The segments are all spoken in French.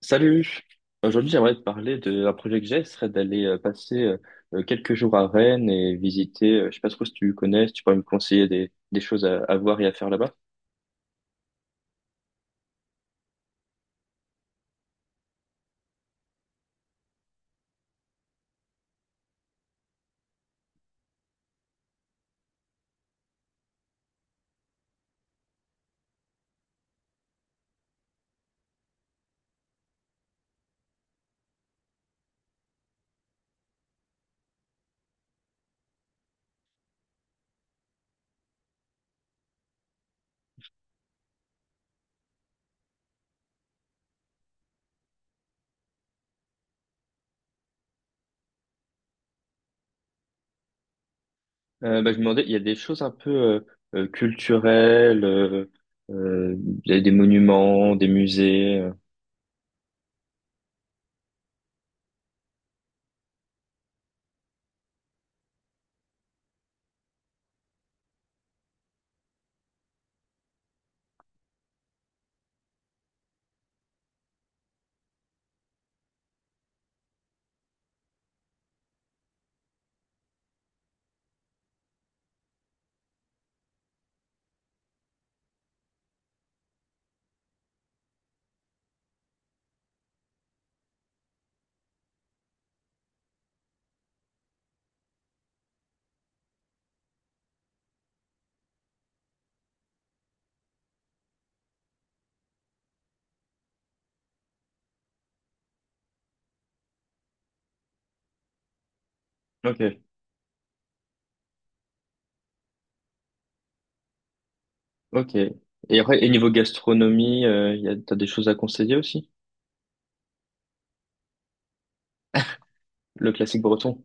Salut! Aujourd'hui, j'aimerais te parler d'un projet que j'ai, ce serait d'aller passer quelques jours à Rennes et visiter, je sais pas trop si tu connais, si tu pourrais me conseiller des choses à voir et à faire là-bas. Bah, je me demandais, il y a des choses un peu culturelles, euh, il y a des monuments, des musées. Ok, ok. Et, après, et niveau gastronomie, il y a, t'as des choses à conseiller aussi? Le classique breton?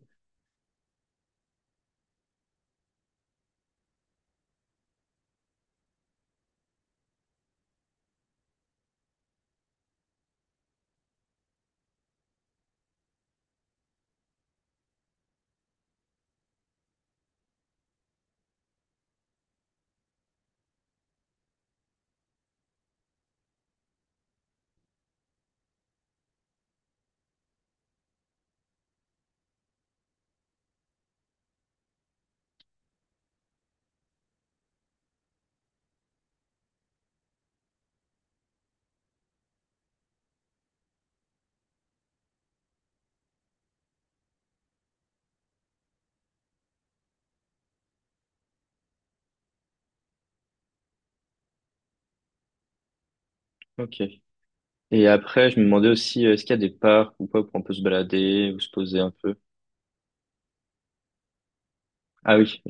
Ok. Et après, je me demandais aussi, est-ce qu'il y a des parcs ou pas où on peut se balader ou se poser un peu? Ah oui.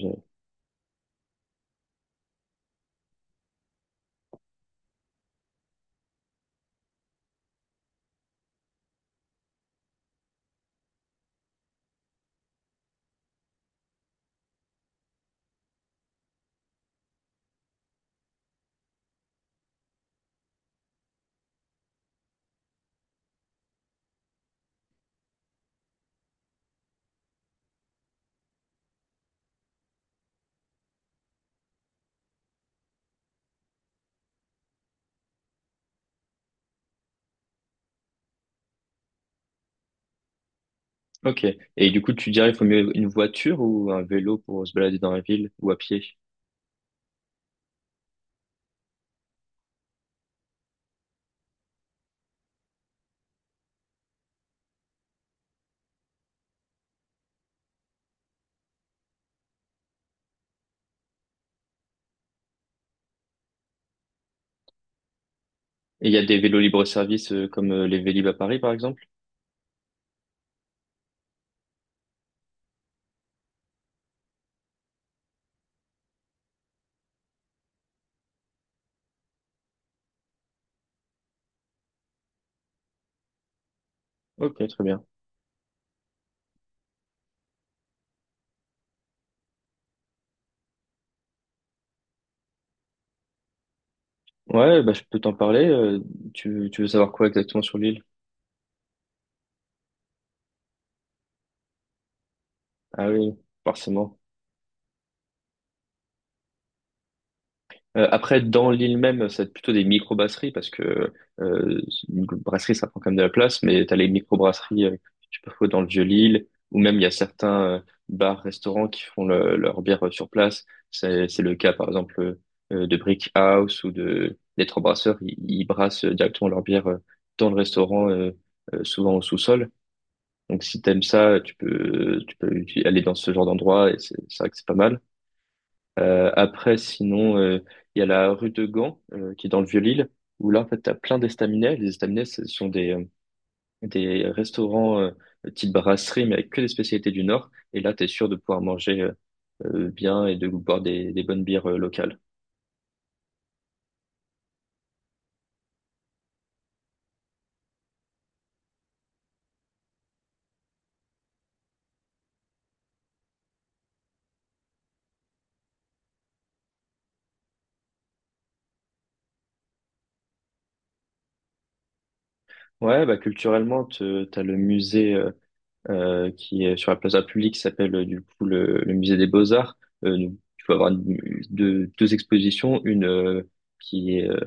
Ok. Et du coup, tu dirais qu'il faut mieux une voiture ou un vélo pour se balader dans la ville ou à pied? Et il y a des vélos libre-service comme les Vélib à Paris, par exemple? Ok, très bien. Ouais, bah, je peux t'en parler. Euh, tu veux savoir quoi exactement sur l'île? Ah oui, forcément. Après, dans l'île même, c'est plutôt des micro-brasseries parce que euh, une brasserie, ça prend quand même de la place, mais tu as les micro-brasseries que tu peux trouver dans le Vieux-Lille, ou même il y a certains bars, restaurants qui font leur bière sur place. C'est le cas, par exemple, de Brick House ou de des Trois Brasseurs. Ils brassent directement leur bière dans le restaurant, souvent au sous-sol. Donc si t'aimes ça, tu peux aller dans ce genre d'endroit et c'est vrai que c'est pas mal. Après, sinon, il y a la rue de Gand, qui est dans le Vieux-Lille, où là, en fait, tu as plein d'estaminets. Les estaminets, ce sont des restaurants type brasserie, mais avec que des spécialités du Nord. Et là, tu es sûr de pouvoir manger bien et de boire des bonnes bières locales. Ouais, bah, culturellement, t'as le musée qui est sur la plaza publique, qui s'appelle du coup le musée des Beaux-Arts. Tu peux avoir deux, deux expositions, une qui est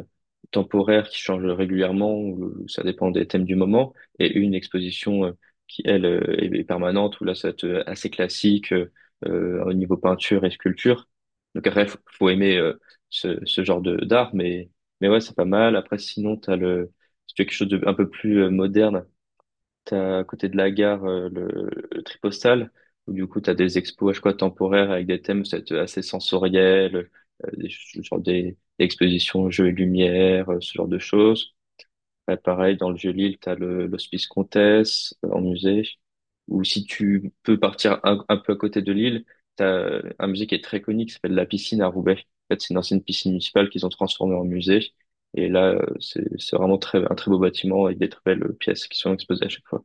temporaire qui change régulièrement, ou ça dépend des thèmes du moment, et une exposition qui, elle, est est permanente, où là, ça va être assez classique au niveau peinture et sculpture. Donc après, faut, faut aimer ce, ce genre de d'art, mais ouais, c'est pas mal. Après, sinon, t'as le si tu veux quelque chose de un peu plus moderne. T'as à côté de la gare le Tripostal, où du coup t'as des expos je chaque fois temporaires avec des thèmes c'est assez sensoriels, genre des expositions jeux et lumière, ce genre de choses. Pareil, dans le Vieux-Lille, t'as le, l'Hospice Comtesse en musée, ou si tu peux partir un peu à côté de Lille, t'as un musée qui est très connu qui s'appelle La Piscine à Roubaix. En fait, c'est une ancienne piscine municipale qu'ils ont transformée en musée. Et là, c'est vraiment très, un très beau bâtiment avec des très belles pièces qui sont exposées à chaque fois.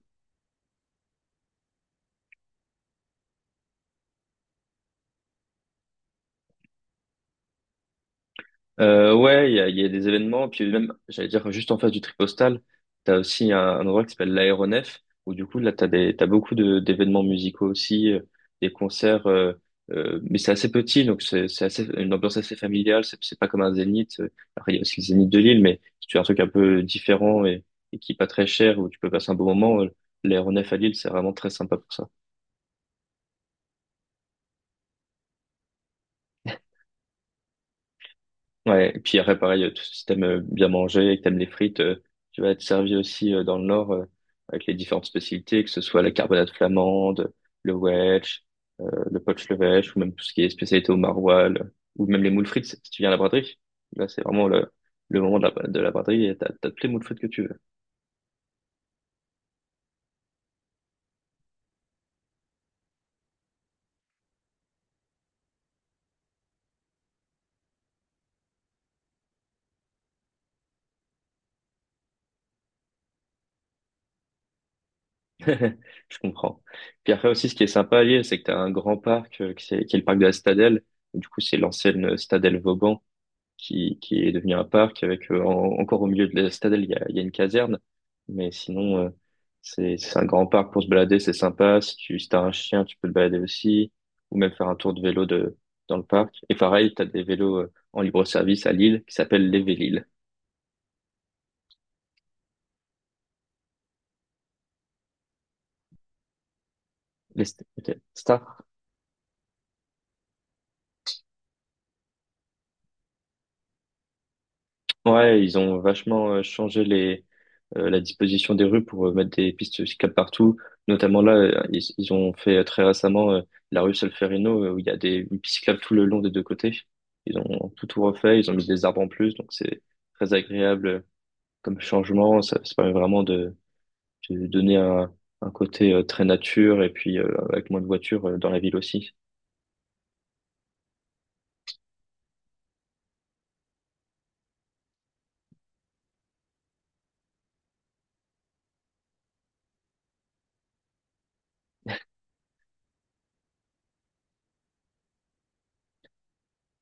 Ouais, il y a des événements, puis même, j'allais dire, juste en face du Tripostal, t'as aussi un endroit qui s'appelle l'Aéronef, où du coup, là, t'as des, t'as beaucoup de, d'événements musicaux aussi, des concerts, mais c'est assez petit, donc c'est assez, une ambiance assez familiale, c'est pas comme un Zénith, après, il y a aussi le Zénith de Lille, mais si tu veux un truc un peu différent et qui est pas très cher, où tu peux passer un bon moment, l'Aéronef à Lille, c'est vraiment très sympa pour ça. Ouais, et puis après, pareil, si t'aimes bien manger et que t'aimes les frites, tu vas être servi aussi dans le Nord avec les différentes spécialités, que ce soit la carbonade flamande, le wedge, le poach levèche, ou même tout ce qui est spécialité au maroilles, ou même les moules frites, si tu viens à la braderie. Là, c'est vraiment le moment de la braderie et t'as, t'as toutes les moules frites que tu veux. Je comprends. Puis après aussi, ce qui est sympa à Lille, c'est que t'as un grand parc qui, qui est le parc de la Stadelle. Du coup, c'est l'ancienne Stadelle Vauban, qui est devenu un parc avec encore au milieu de la citadelle, il y a une caserne. Mais sinon, c'est un grand parc pour se balader, c'est sympa. Si tu si t'as un chien, tu peux te balader aussi, ou même faire un tour de vélo dans le parc. Et pareil, t'as des vélos en libre-service à Lille qui s'appellent les Vélil. Ok. Star. Ouais, ils ont vachement changé les la disposition des rues pour mettre des pistes cyclables partout. Notamment là, ils ont fait très récemment la rue Solferino où il y a des une piste cyclable tout le long des deux côtés. Ils ont tout, tout refait, ils ont mis des arbres en plus, donc c'est très agréable comme changement. Ça permet vraiment de donner un côté très nature et puis avec moins de voitures dans la ville aussi.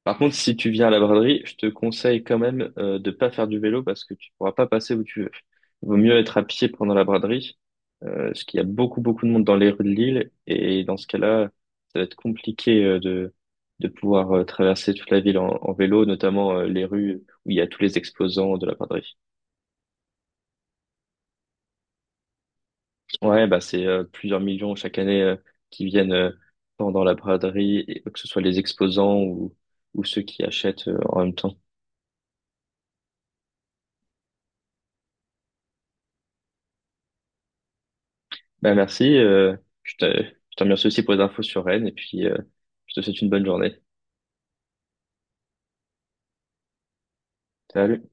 Par contre, si tu viens à la braderie, je te conseille quand même de pas faire du vélo parce que tu pourras pas passer où tu veux. Il vaut mieux être à pied pendant la braderie parce qu'il y a beaucoup, beaucoup de monde dans les rues de Lille. Et dans ce cas-là, ça va être compliqué de pouvoir traverser toute la ville en, en vélo, notamment les rues où il y a tous les exposants de la braderie. Ouais, bah c'est plusieurs millions chaque année qui viennent pendant la braderie, et que ce soit les exposants ou ceux qui achètent en même temps. Bah merci, je te remercie aussi pour les infos sur Rennes et puis je te souhaite une bonne journée. Salut.